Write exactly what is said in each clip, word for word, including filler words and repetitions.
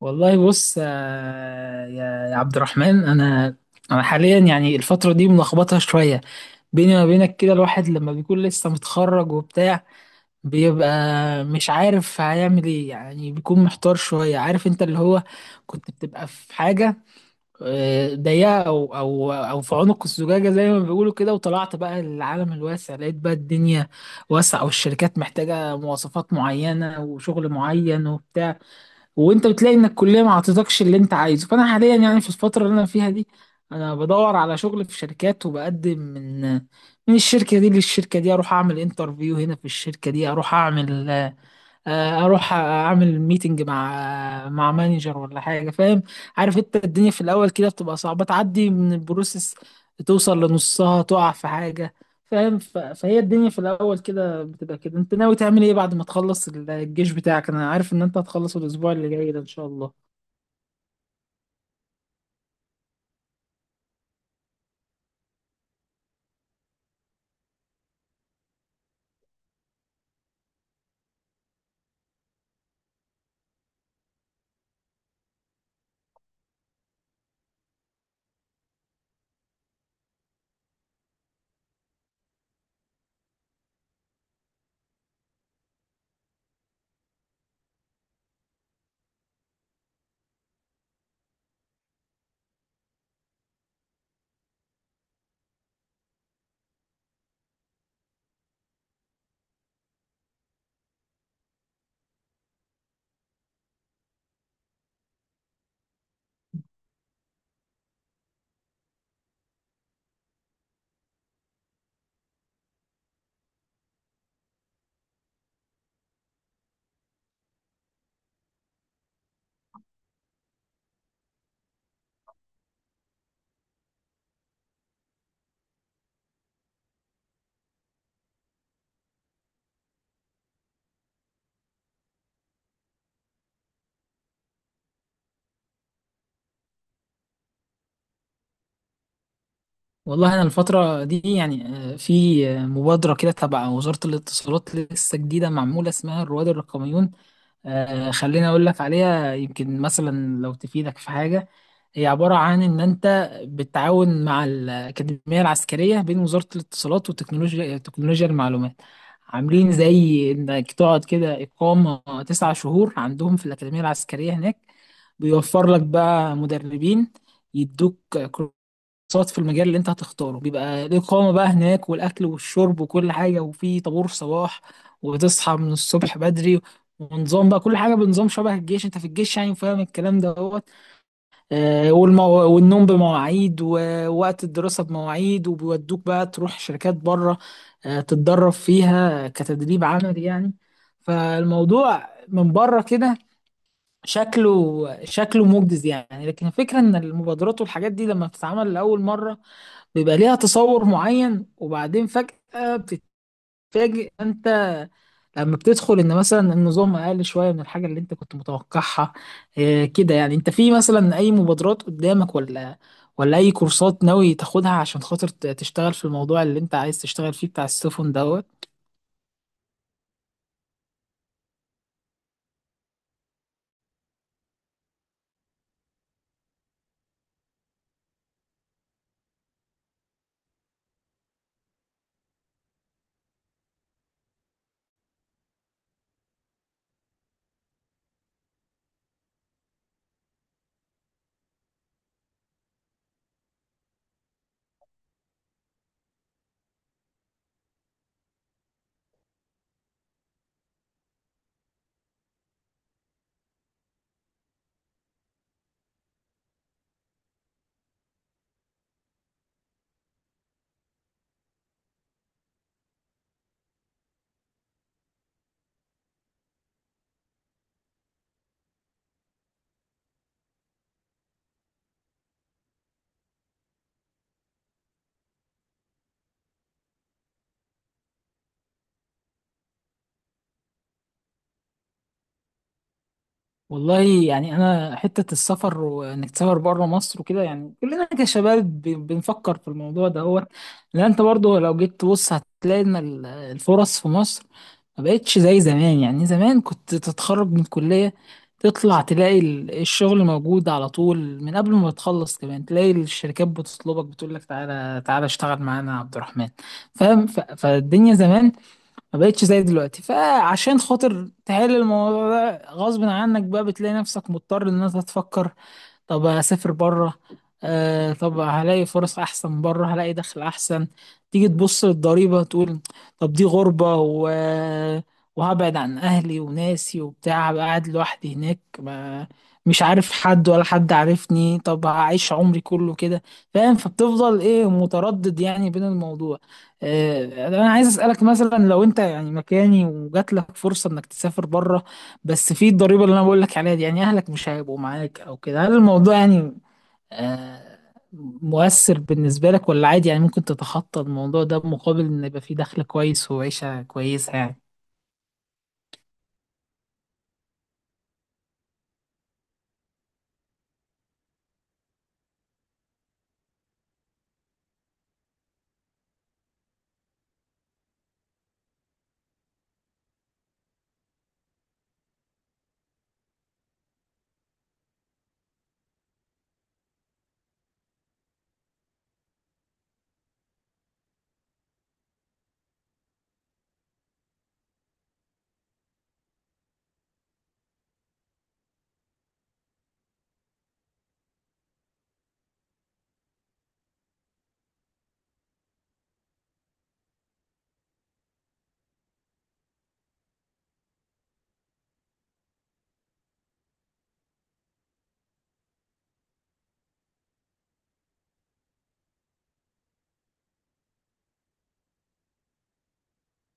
والله بص آه، يا يا عبد الرحمن انا انا حاليا يعني الفتره دي ملخبطه شويه. بيني وما بينك كده الواحد لما بيكون لسه متخرج وبتاع بيبقى مش عارف هيعمل ايه، يعني بيكون محتار شويه. عارف انت اللي هو كنت بتبقى في حاجه آه، ضيقه او او او في عنق الزجاجه زي ما بيقولوا كده، وطلعت بقى للعالم الواسع لقيت بقى الدنيا واسعه والشركات محتاجه مواصفات معينه وشغل معين وبتاع، وانت بتلاقي ان الكليه ما عطتكش اللي انت عايزه. فانا حاليا يعني في الفتره اللي انا فيها دي انا بدور على شغل في شركات، وبقدم من من الشركه دي للشركه دي، اروح اعمل انترفيو هنا في الشركه دي، اروح اعمل آه، اروح اعمل ميتنج مع مع مانجر ولا حاجه. فاهم؟ عارف انت الدنيا في الاول كده بتبقى صعبه، تعدي من البروسيس توصل لنصها تقع في حاجه. فاهم؟ ف- فهي الدنيا في الاول كده بتبقى كده. انت ناوي تعمل ايه بعد ما تخلص الجيش بتاعك؟ انا عارف ان انت هتخلص الاسبوع اللي جاي ده ان شاء الله. والله انا الفتره دي يعني آه، في آه، مبادره كده تبع وزاره الاتصالات لسه جديده معموله، اسمها الرواد الرقميون. آه، خليني اقول لك عليها يمكن مثلا لو تفيدك في حاجه. هي عبارة عن إن أنت بتتعاون مع الأكاديمية العسكرية، بين وزارة الاتصالات وتكنولوجيا تكنولوجيا المعلومات. عاملين زي إنك تقعد كده إقامة تسعة شهور عندهم في الأكاديمية العسكرية هناك. بيوفر لك بقى مدربين، يدوك كورسات في المجال اللي أنت هتختاره. بيبقى الإقامة بقى هناك والأكل والشرب وكل حاجة، وفي طابور صباح وتصحى من الصبح بدري، ونظام بقى كل حاجة بنظام شبه الجيش. أنت في الجيش يعني فاهم الكلام ده. آه، والمو... والنوم بمواعيد، ووقت الدراسة بمواعيد، وبيودوك بقى تروح شركات بره آه، تتدرب فيها كتدريب عملي يعني. فالموضوع من بره كده شكله شكله مجدز يعني، لكن الفكرة ان المبادرات والحاجات دي لما بتتعمل لأول مرة بيبقى ليها تصور معين، وبعدين فجأة فاجئ انت لما بتدخل ان مثلا النظام اقل شويه من الحاجه اللي انت كنت متوقعها. إيه كده يعني انت في مثلا اي مبادرات قدامك ولا، ولا اي كورسات ناوي تاخدها عشان خاطر ت- تشتغل في الموضوع اللي انت عايز تشتغل فيه بتاع السفن دوت؟ والله يعني انا حته السفر وانك تسافر بره مصر وكده، يعني كلنا كشباب ب- بنفكر في الموضوع ده. هو لان انت برضه لو جيت تبص هتلاقي ان ال- الفرص في مصر ما بقتش زي زمان. يعني زمان كنت تتخرج من الكليه تطلع تلاقي ال- الشغل موجود على طول، من قبل ما تخلص كمان تلاقي الشركات بتطلبك بتقول لك تعالى تعالى اشتغل معانا يا عبد الرحمن. فاهم؟ ف- فالدنيا زمان ما بقتش زي دلوقتي. فعشان خاطر تحل الموضوع ده غصب عنك بقى، بتلاقي نفسك مضطر ان انت تفكر: طب هسافر بره، آه طب هلاقي فرص احسن بره، هلاقي دخل احسن. تيجي تبص للضريبه تقول: طب دي غربه، و... وهبعد عن اهلي وناسي وبتاع، هبقى قاعد لوحدي هناك، ما مش عارف حد ولا حد عارفني، طب هعيش عمري كله كده؟ فاهم؟ فبتفضل ايه متردد يعني بين الموضوع. آه، انا عايز اسالك مثلا لو انت يعني مكاني وجات لك فرصه انك تسافر بره، بس في الضريبة اللي انا بقول لك عليها دي، يعني اهلك مش هيبقوا معاك او كده. هل الموضوع يعني آه، مؤثر بالنسبة لك، ولا عادي يعني ممكن تتخطى الموضوع ده بمقابل ان يبقى في دخل كويس وعيشة كويسة يعني؟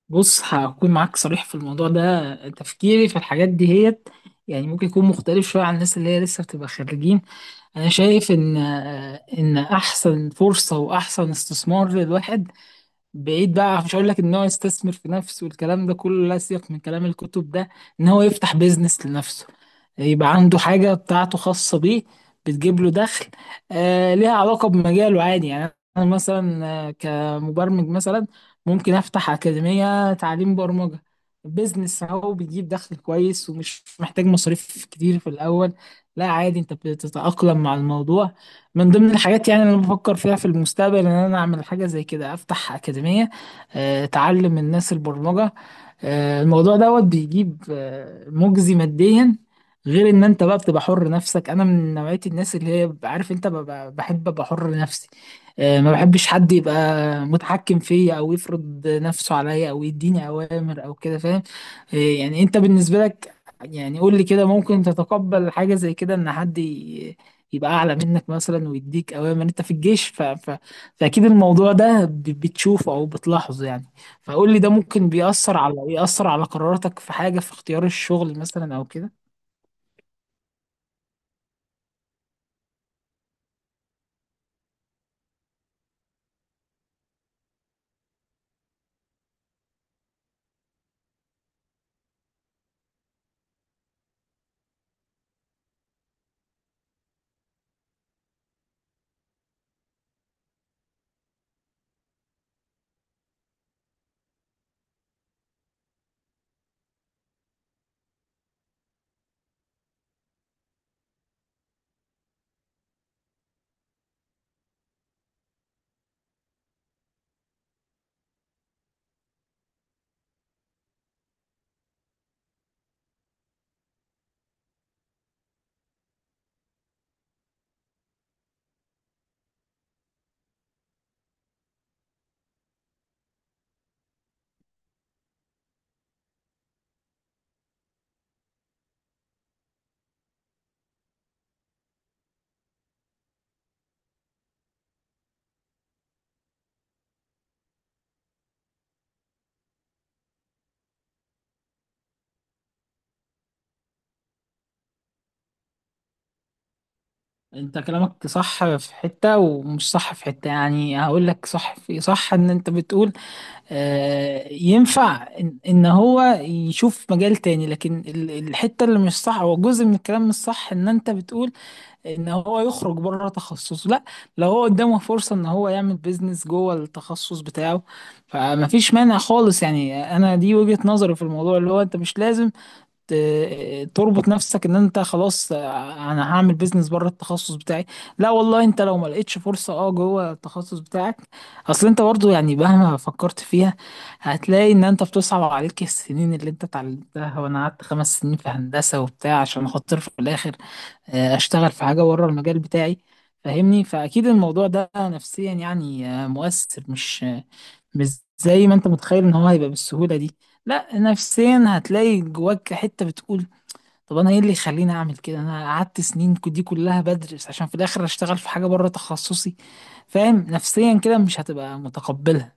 بص هكون معاك صريح في الموضوع ده. تفكيري في الحاجات دي هيت يعني ممكن يكون مختلف شوية عن الناس اللي هي لسه بتبقى خريجين. انا شايف ان آه، ان احسن فرصة واحسن استثمار للواحد، بعيد بقى مش هقول لك ان هو يستثمر في نفسه والكلام ده كله لا سياق من كلام الكتب ده، ان هو يفتح بيزنس لنفسه، يبقى عنده حاجة بتاعته خاصة بيه، بتجيب له دخل آه، ليها علاقة بمجاله عادي. يعني انا مثلا آه، كمبرمج مثلا ممكن افتح أكاديمية تعليم برمجة. بيزنس اهو، بيجيب دخل كويس ومش محتاج مصاريف كتير في الاول. لا عادي انت بتتأقلم مع الموضوع. من ضمن الحاجات يعني اللي انا بفكر فيها في المستقبل ان انا اعمل حاجه زي كده: افتح اكاديميه آه، تعلم الناس البرمجه آه، الموضوع دوت بيجيب آه، مجزي ماديا، غير ان انت بقى بتبقى حر نفسك. انا من نوعيه الناس اللي هي ب- عارف انت ببقى- بحب ابقى حر نفسي. آه، ما بحبش حد يبقى متحكم فيا، او يفرض نفسه عليا، او يديني اوامر او كده. فاهم؟ آه، يعني انت بالنسبه لك يعني قول لي كده، ممكن تتقبل حاجه زي كده ان حد يبقى اعلى منك مثلا ويديك اوامر؟ انت في الجيش ف... ف... فاكيد الموضوع ده ب... بتشوفه او بتلاحظه يعني. فقول لي ده ممكن بيأثر على يأثر على قراراتك في حاجة، في اختيار الشغل مثلا او كده؟ انت كلامك صح في حتة، ومش صح في حتة. يعني هقول لك: صح في صح ان انت بتقول آه ينفع ان, إن هو يشوف مجال تاني، لكن ال- الحتة اللي مش صح او جزء من الكلام مش صح ان انت بتقول ان هو يخرج بره تخصصه، لا. لو هو قدامه فرصة ان هو يعمل بيزنس جوه التخصص بتاعه فما فيش مانع خالص يعني. انا دي وجهة نظري في الموضوع، اللي هو انت مش لازم ت- تربط نفسك ان انت خلاص آه، انا هعمل بيزنس بره التخصص بتاعي. لا والله، انت لو ما لقيتش فرصة اه جوه التخصص بتاعك، اصل انت برضو يعني مهما فكرت فيها هتلاقي ان انت بتصعب عليك السنين اللي انت اتعلمتها. وانا قعدت خمس سنين في هندسة وبتاع عشان خاطر في الاخر آه، اشتغل في حاجه بره المجال بتاعي. فاهمني؟ فاكيد الموضوع ده نفسيا يعني آه، مؤثر. مش آه، مش زي ما انت متخيل ان هو هيبقى بالسهوله دي. لا، نفسيا هتلاقي جواك حته بتقول: طب انا ايه اللي يخليني اعمل كده؟ انا قعدت سنين ك- دي كلها بدرس عشان في الاخر اشتغل في حاجه بره تخصصي. فاهم؟ نفسيا كده مش هتبقى متقبلها.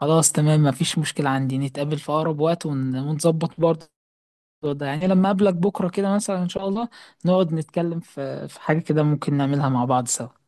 خلاص تمام، مفيش مشكله عندي، نتقابل في اقرب وقت ون- ونظبط برضه الموضوع ده، يعني لما اقابلك بكره كده مثلا ان شاء الله نقعد نتكلم في في حاجه كده ممكن نعملها مع بعض سوا.